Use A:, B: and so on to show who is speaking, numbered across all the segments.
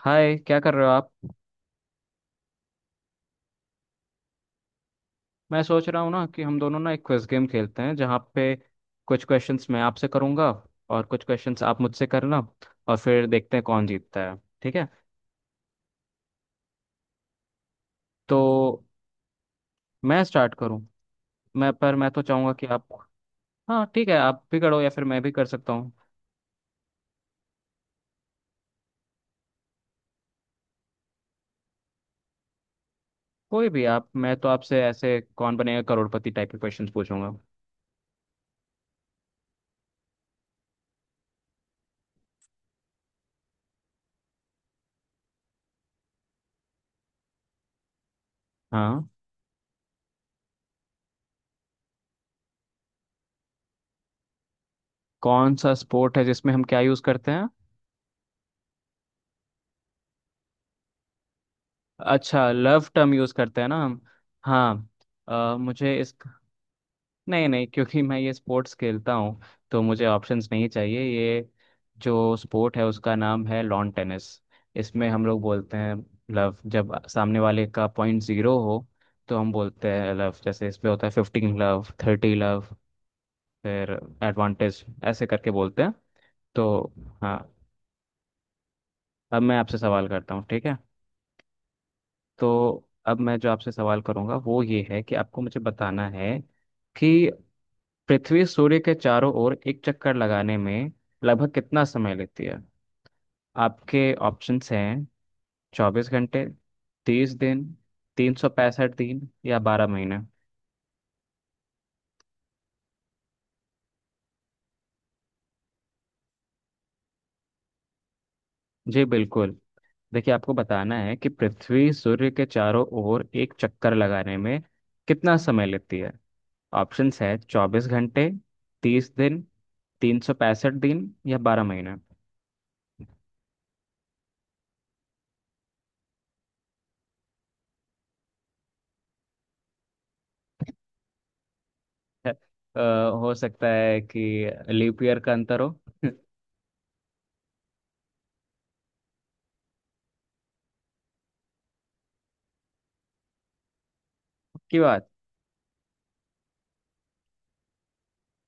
A: हाय, क्या कर रहे हो आप। मैं सोच रहा हूँ ना कि हम दोनों ना एक क्विज गेम खेलते हैं जहाँ पे कुछ क्वेश्चंस मैं आपसे करूँगा, और कुछ क्वेश्चंस आप मुझसे करना, और फिर देखते हैं कौन जीतता है। ठीक है? तो मैं स्टार्ट करूँ? मैं पर मैं तो चाहूँगा कि आप... हाँ ठीक है, आप भी करो या फिर मैं भी कर सकता हूँ। कोई भी आप, मैं तो आपसे ऐसे कौन बनेगा करोड़पति टाइप के क्वेश्चंस पूछूंगा। हाँ। कौन सा स्पोर्ट है जिसमें हम क्या यूज़ करते हैं? अच्छा, लव टर्म यूज़ करते हैं ना हम? हाँ। मुझे इस... नहीं नहीं, क्योंकि मैं ये स्पोर्ट्स खेलता हूँ, तो मुझे ऑप्शंस नहीं चाहिए। ये जो स्पोर्ट है उसका नाम है लॉन टेनिस। इसमें हम लोग बोलते हैं लव, जब सामने वाले का पॉइंट जीरो हो तो हम बोलते हैं लव। जैसे इसमें होता है 15 लव, 30 लव। फिर एडवांटेज ऐसे करके बोलते हैं। तो हाँ, अब मैं आपसे सवाल करता हूँ, ठीक है? तो अब मैं जो आपसे सवाल करूँगा वो ये है कि आपको मुझे बताना है कि पृथ्वी सूर्य के चारों ओर एक चक्कर लगाने में लगभग कितना समय लेती है। आपके ऑप्शंस हैं 24 घंटे, 30 दिन, 365 दिन या 12 महीने। जी बिल्कुल, देखिए, आपको बताना है कि पृथ्वी सूर्य के चारों ओर एक चक्कर लगाने में कितना समय लेती है। ऑप्शंस है 24 घंटे, तीस दिन, तीन सौ पैंसठ दिन या बारह महीने। अ, हो सकता है कि लीप ईयर का अंतर हो। क्यों?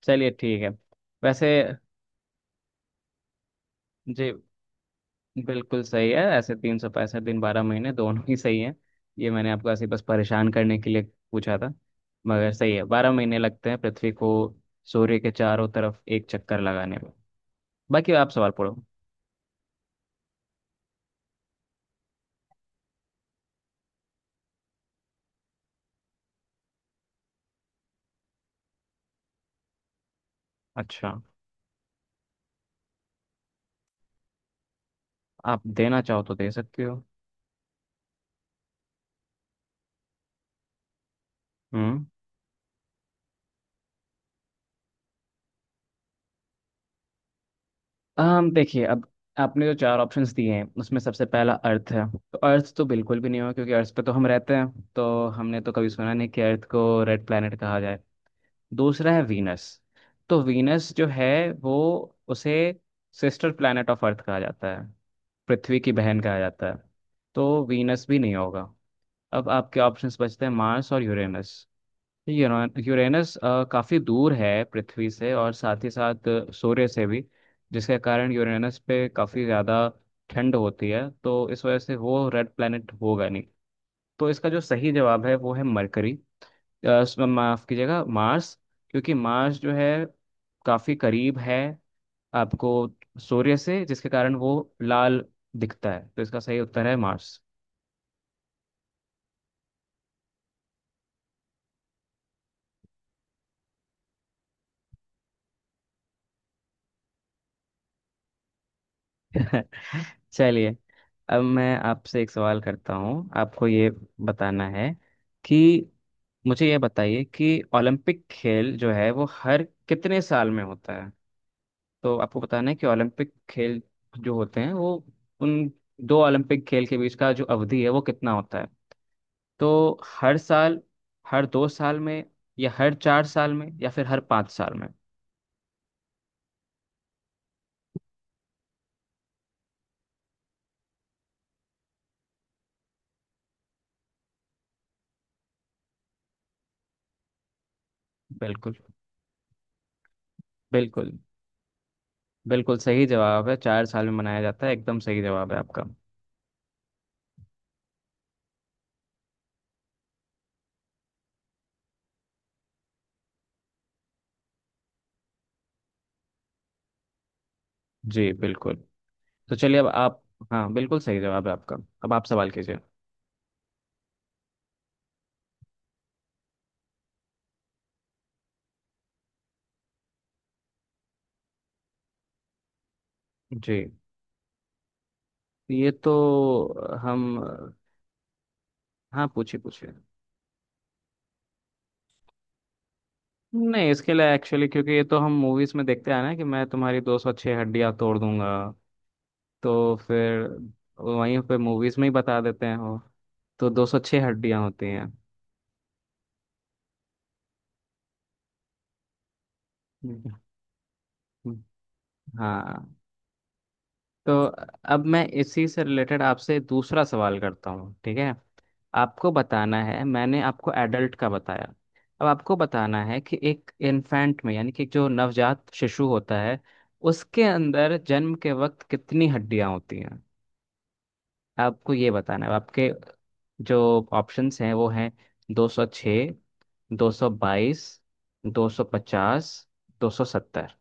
A: चलिए ठीक है। वैसे, जी बिल्कुल सही है ऐसे, 365 दिन, 12 महीने, दोनों ही सही है। ये मैंने आपको ऐसे बस परेशान करने के लिए पूछा था। मगर सही है, 12 महीने लगते हैं पृथ्वी को सूर्य के चारों तरफ एक चक्कर लगाने में। बाकी आप सवाल पढ़ो। अच्छा, आप देना चाहो तो दे सकते हो। हम्म। हम देखिए, अब आपने जो चार ऑप्शंस दिए हैं उसमें सबसे पहला अर्थ है, तो अर्थ तो बिल्कुल भी नहीं होगा क्योंकि अर्थ पे तो हम रहते हैं। तो हमने तो कभी सुना नहीं कि अर्थ को रेड प्लैनेट कहा। दूसरा है वीनस। तो वीनस जो है, वो... उसे सिस्टर प्लैनेट ऑफ अर्थ कहा जाता है, पृथ्वी की बहन कहा जाता है। तो वीनस भी नहीं होगा। अब आपके ऑप्शंस बचते हैं मार्स और यूरेनस। यूरेनस काफ़ी दूर है पृथ्वी से, और साथ ही साथ सूर्य से भी, जिसके कारण यूरेनस पे काफ़ी ज़्यादा ठंड होती है, तो इस वजह से वो रेड प्लैनेट होगा नहीं। तो इसका जो सही जवाब है वो है मरकरी, माफ कीजिएगा, मार्स। क्योंकि मार्स जो है काफी करीब है आपको सूर्य से, जिसके कारण वो लाल दिखता है, तो इसका सही उत्तर है मार्स। चलिए, अब मैं आपसे एक सवाल करता हूँ, आपको ये बताना है कि... मुझे ये बताइए कि ओलंपिक खेल जो है वो हर कितने साल में होता है। तो आपको बताना है कि ओलंपिक खेल जो होते हैं, वो... उन दो ओलंपिक खेल के बीच का जो अवधि है वो कितना होता है। तो हर साल, हर 2 साल में, या हर 4 साल में, या फिर हर 5 साल में। बिल्कुल, बिल्कुल, बिल्कुल सही जवाब है, 4 साल में मनाया जाता है, एकदम सही जवाब है आपका। जी बिल्कुल, तो चलिए अब आप... हाँ बिल्कुल सही जवाब है आपका, अब आप सवाल कीजिए। जी, ये तो हम... हाँ पूछिए, पूछिए। नहीं, इसके लिए एक्चुअली, क्योंकि ये तो हम मूवीज में देखते हैं ना कि मैं तुम्हारी 206 हड्डियां तोड़ दूंगा। तो फिर वहीं पे मूवीज में ही बता देते हैं वो। तो 206 हड्डियाँ होती हैं। हम्म। हाँ, तो अब मैं इसी से रिलेटेड आपसे दूसरा सवाल करता हूँ, ठीक है? आपको बताना है, मैंने आपको एडल्ट का बताया। अब आपको बताना है कि एक इन्फेंट में, यानी कि जो नवजात शिशु होता है, उसके अंदर जन्म के वक्त कितनी हड्डियां होती हैं। आपको ये बताना है। आपके जो ऑप्शंस हैं वो हैं 206, 222, 250, 270।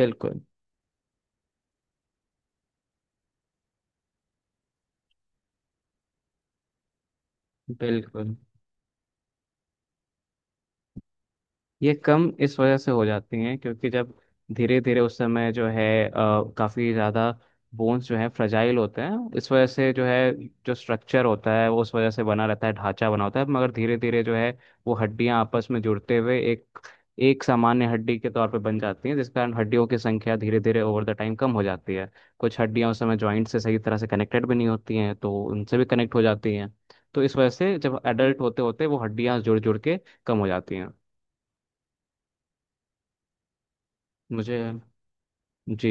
A: बिल्कुल, बिल्कुल। ये कम इस वजह से हो जाती हैं क्योंकि जब धीरे धीरे उस समय जो है अ, काफी ज्यादा बोन्स जो है फ्रजाइल होते हैं, इस वजह से जो है जो स्ट्रक्चर होता है वो उस वजह से बना रहता है, ढांचा बना होता है। मगर धीरे धीरे जो है वो हड्डियां आपस में जुड़ते हुए एक एक सामान्य हड्डी के तौर पर बन जाती हैं, जिस कारण हड्डियों की संख्या धीरे धीरे ओवर द टाइम कम हो जाती है। कुछ हड्डियां उस समय जॉइंट से सही तरह से कनेक्टेड भी नहीं होती हैं, तो उनसे भी कनेक्ट हो जाती हैं। तो इस वजह से जब एडल्ट होते होते वो हड्डियां जुड़ जुड़ के कम हो जाती हैं। मुझे जी,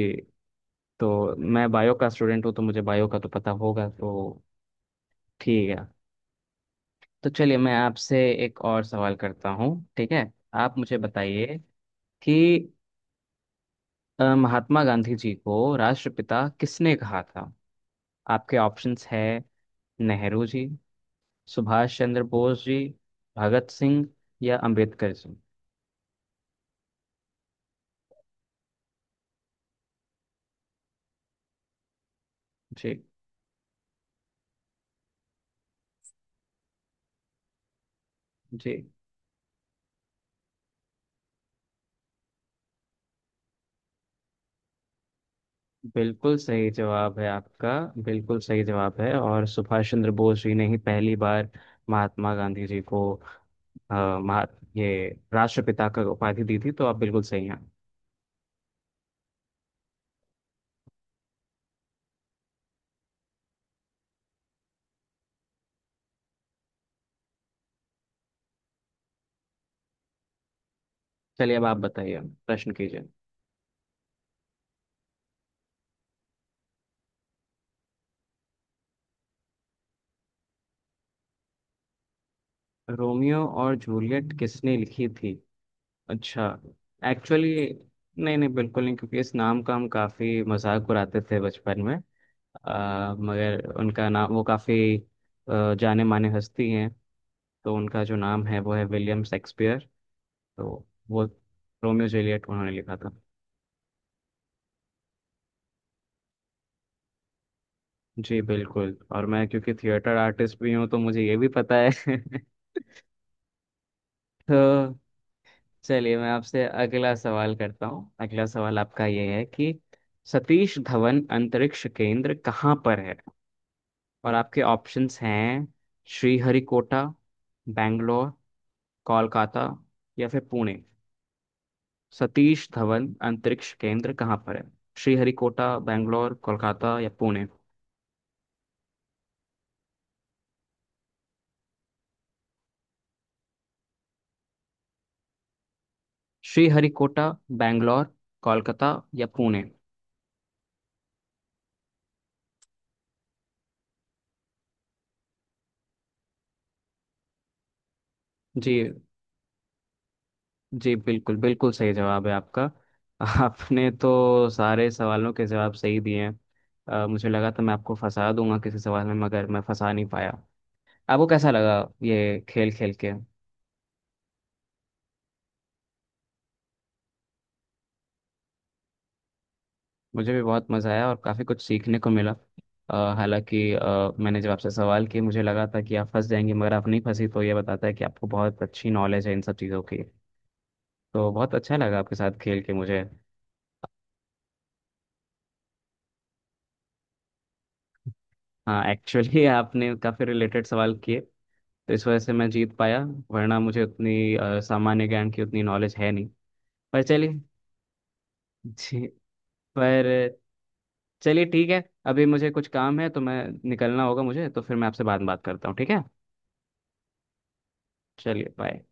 A: तो मैं बायो का स्टूडेंट हूँ तो मुझे बायो का तो पता होगा, तो ठीक है। तो चलिए मैं आपसे एक और सवाल करता हूँ, ठीक है? आप मुझे बताइए कि महात्मा गांधी जी को राष्ट्रपिता किसने कहा था? आपके ऑप्शंस है नेहरू जी, सुभाष चंद्र बोस जी, भगत सिंह या अंबेडकर जी। जी। जी बिल्कुल सही जवाब है आपका, बिल्कुल सही जवाब है। और सुभाष चंद्र बोस जी ने ही पहली बार महात्मा गांधी जी को अ, महा ये राष्ट्रपिता का उपाधि दी थी, तो आप बिल्कुल सही हैं। चलिए अब आप बताइए, प्रश्न कीजिए। रोमियो और जूलियट किसने लिखी थी? अच्छा, एक्चुअली नहीं नहीं, बिल्कुल नहीं, क्योंकि इस नाम का हम काफी मजाक उड़ाते थे बचपन में। मगर उनका नाम वो काफी जाने माने हस्ती हैं। तो उनका जो नाम है वो है विलियम शेक्सपियर। तो वो रोमियो जूलियट उन्होंने लिखा था। जी बिल्कुल, और मैं क्योंकि थिएटर आर्टिस्ट भी हूँ तो मुझे ये भी पता है। तो चलिए मैं आपसे अगला सवाल करता हूँ। अगला सवाल आपका ये है कि सतीश धवन अंतरिक्ष केंद्र कहाँ पर है? और आपके ऑप्शंस हैं श्रीहरिकोटा, बैंगलोर, कोलकाता या फिर पुणे। सतीश धवन अंतरिक्ष केंद्र कहाँ पर है? श्रीहरिकोटा, बैंगलोर, कोलकाता या पुणे। श्रीहरिकोटा, बैंगलोर, कोलकाता या पुणे। जी। जी बिल्कुल, बिल्कुल सही जवाब है आपका। आपने तो सारे सवालों के जवाब सही दिए हैं। मुझे लगा था मैं आपको फंसा दूंगा किसी सवाल में, मगर मैं फंसा नहीं पाया। आपको कैसा लगा ये खेल खेल के? मुझे भी बहुत मज़ा आया और काफ़ी कुछ सीखने को मिला। हालांकि मैंने जब आपसे सवाल किए मुझे लगा था कि आप फंस जाएंगे, मगर आप नहीं फंसी, तो ये बताता है कि आपको बहुत अच्छी नॉलेज है इन सब चीज़ों की। तो बहुत अच्छा लगा आपके साथ खेल के मुझे। हाँ एक्चुअली, आपने काफ़ी रिलेटेड सवाल किए, तो इस वजह से मैं जीत पाया, वरना मुझे उतनी सामान्य ज्ञान की उतनी नॉलेज है नहीं। पर चलिए। जी। पर चलिए, ठीक है, अभी मुझे कुछ काम है तो मैं निकलना होगा मुझे, तो फिर मैं आपसे बाद में बात करता हूँ, ठीक है? चलिए, बाय।